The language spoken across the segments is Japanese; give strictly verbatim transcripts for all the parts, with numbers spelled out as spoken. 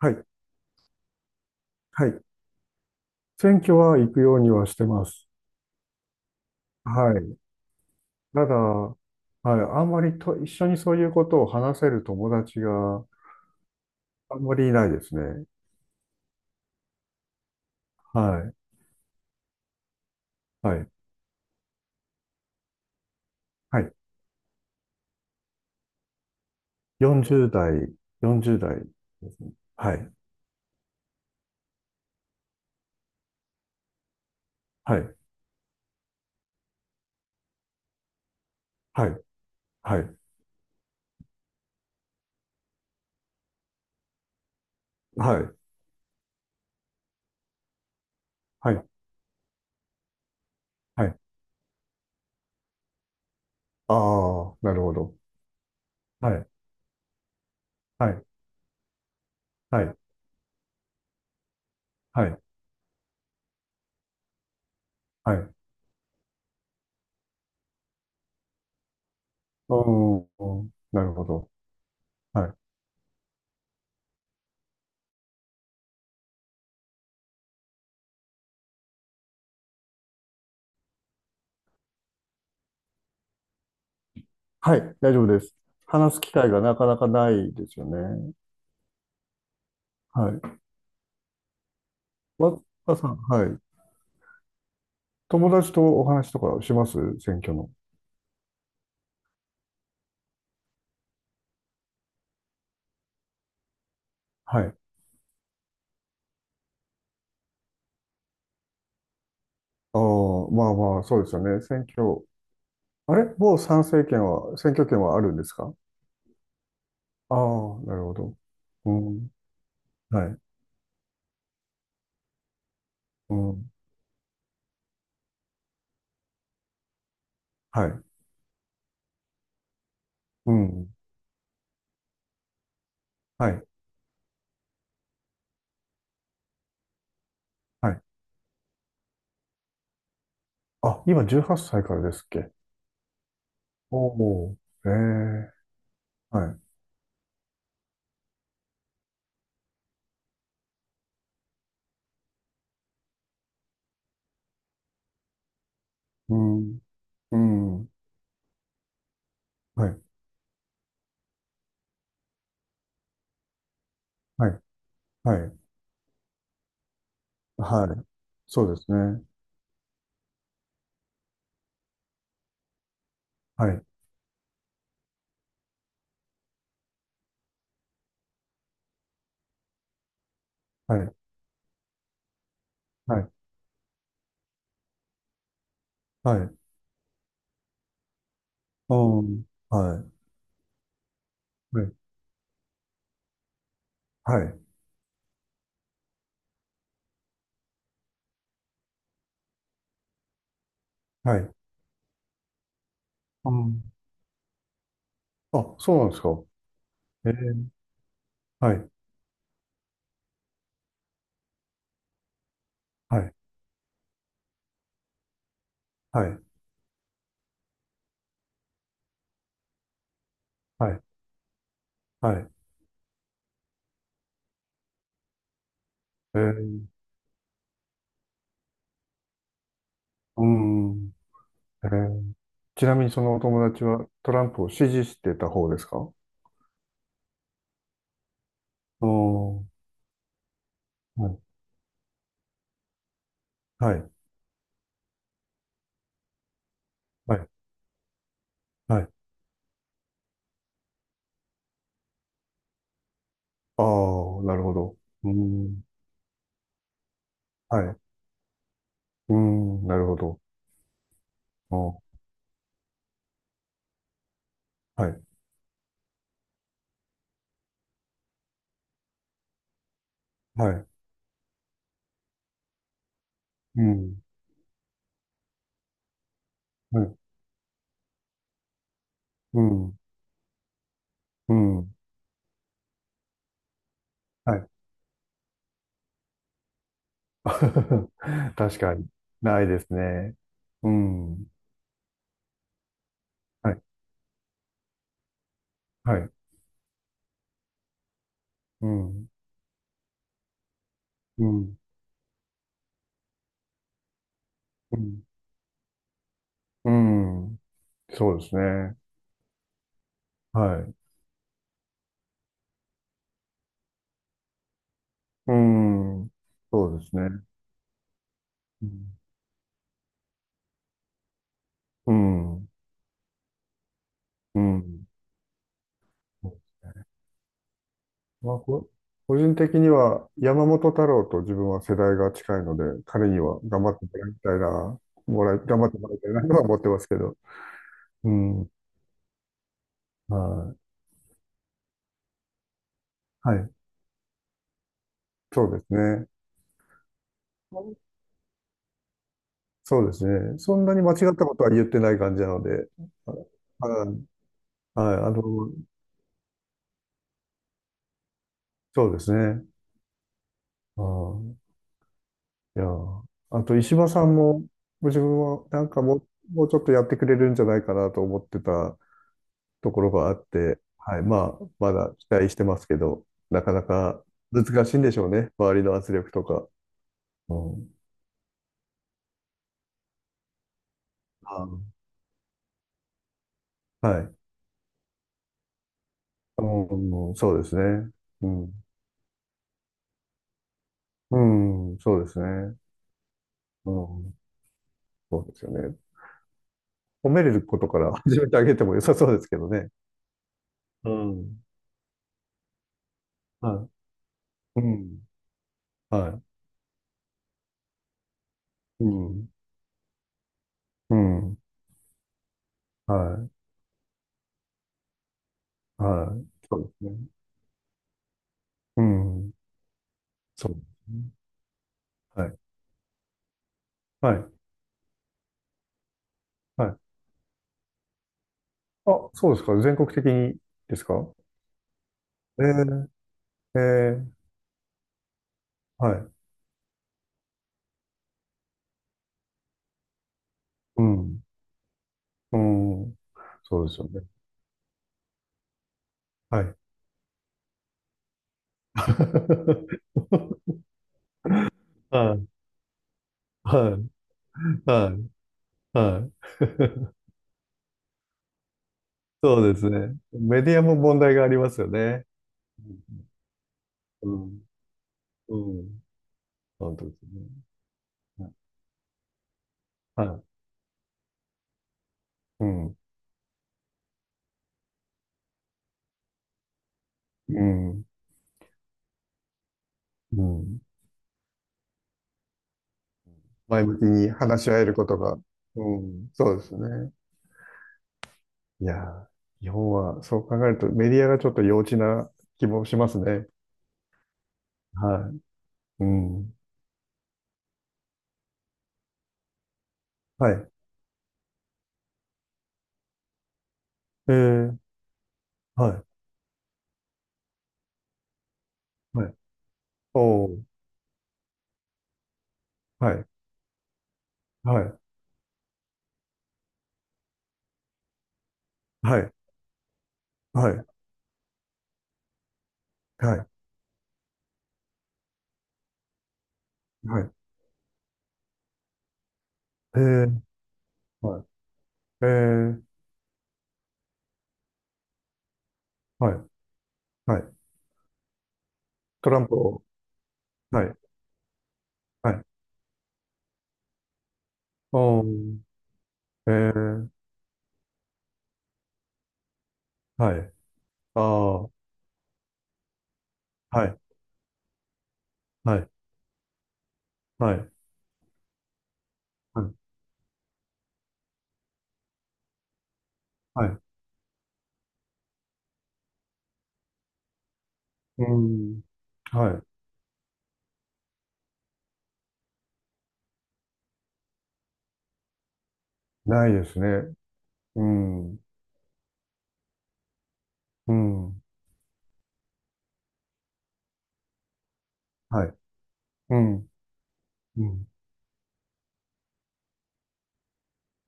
はい、はい。選挙は行くようにはしてます。はい。ただ、はい、あんまりと一緒にそういうことを話せる友達があんまりいないですね。はい、はい、はい。よんじゅう代、よんじゅう代。はい、はい、はい、はい、はい、はい、はい。ああ、なるほど。はい、はい、はい、はい、はい。うん、うんなるほど。はい、はい、大丈夫です。話す機会がなかなかないですよね。はい。わ、わさん、はい。友達とお話とかします選挙の。はい。ああ、まあまあ、そうですよね。選挙。あれもう参政権は、選挙権はあるんですか？ああ、なるほど。うん。はい。うん。はい。うん。はい。はい。あ、今じゅうはっさいからですっけ？おおー。ええ。はい。うん。うん。はい。はい。はい。はい。そうですね。はい。はい。はい。はい。うん。はい。はい。はい。はい。うん。あ、そうなんですか。ええ、はい、はい、はい、はい、はい。ええ、うん。ええ、ちなみにそのお友達はトランプを支持してた方ですか？おー、はい、はい、はい、はい。ああ、なるほど。うん、はい、うん、なるほど。おー、はい、はい、うん、はい、うん、うん、はい。確かに、ないですね。うん、はい、はい、うん、うん、うん、うん、そうですね。はい。うん。そうですね。うん。うん。うん。まあ、こ個人的には山本太郎と自分は世代が近いので、彼には頑張ってもらいたいな、もらい、頑張ってもらいたいなとは思ってますけど。うん。はい。はい。そうですね。そうですね。そんなに間違ったことは言ってない感じなので、あはい。はい。あの、そうですね。ああ、いやー、あと石破さんも、ご自分はなんかもう、もうちょっとやってくれるんじゃないかなと思ってたところがあって、はい、まあ、まだ期待してますけど、なかなか難しいんでしょうね、周りの圧力とか。うん、あ、はい、うん、そうですね。うん、うん、そうですね。うん、そうですよね。褒めれることから始めてあげても良さそうですけどね。うん、はい、うん、はい、うん、うん、はい。はい。そうですね。うん。そうですね。はい。はい。はい。あ、そうですか。全国的にですか？えー、えー、はい。うん。うん。そうですよね。はい。はい。はい。はい。はい。そうですね。メディアも問題がありますよね。うん。うん。うん。本当ですね。はい。はい。うん。うん。うん。前向きに話し合えることが、うん、そうですね。いやー、日本はそう考えるとメディアがちょっと幼稚な気もしますね。はい。うん。はい。えー、はい。はい。おー、はい。はい。はい。はい。はい。はい。えー、はい。えー、はい。はい。トランプを、はい。はい。おー、えー、はい。ああ。はい。はい。はい。はい。はい。うん。はい。ないですね。うん、うん、はい。うん、うん。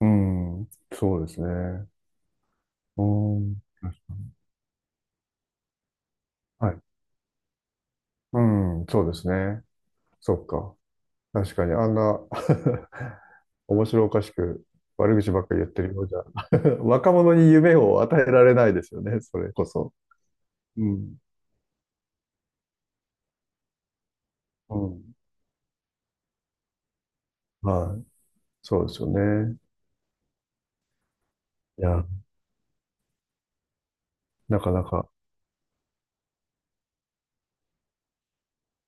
うん、そうですね。うん、はい。うん、そうですね。そっか。確かに、あんな 面白おかしく悪口ばっかり言ってるようじゃ、若者に夢を与えられないですよね、それこそ。うん、うん、はい。そうですよね。いや、なかなか、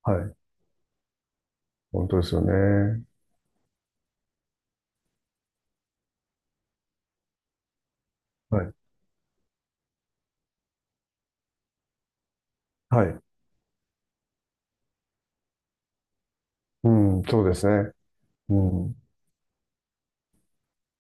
はい。本当ですよね。はい。はい。うん、そうですね。うん。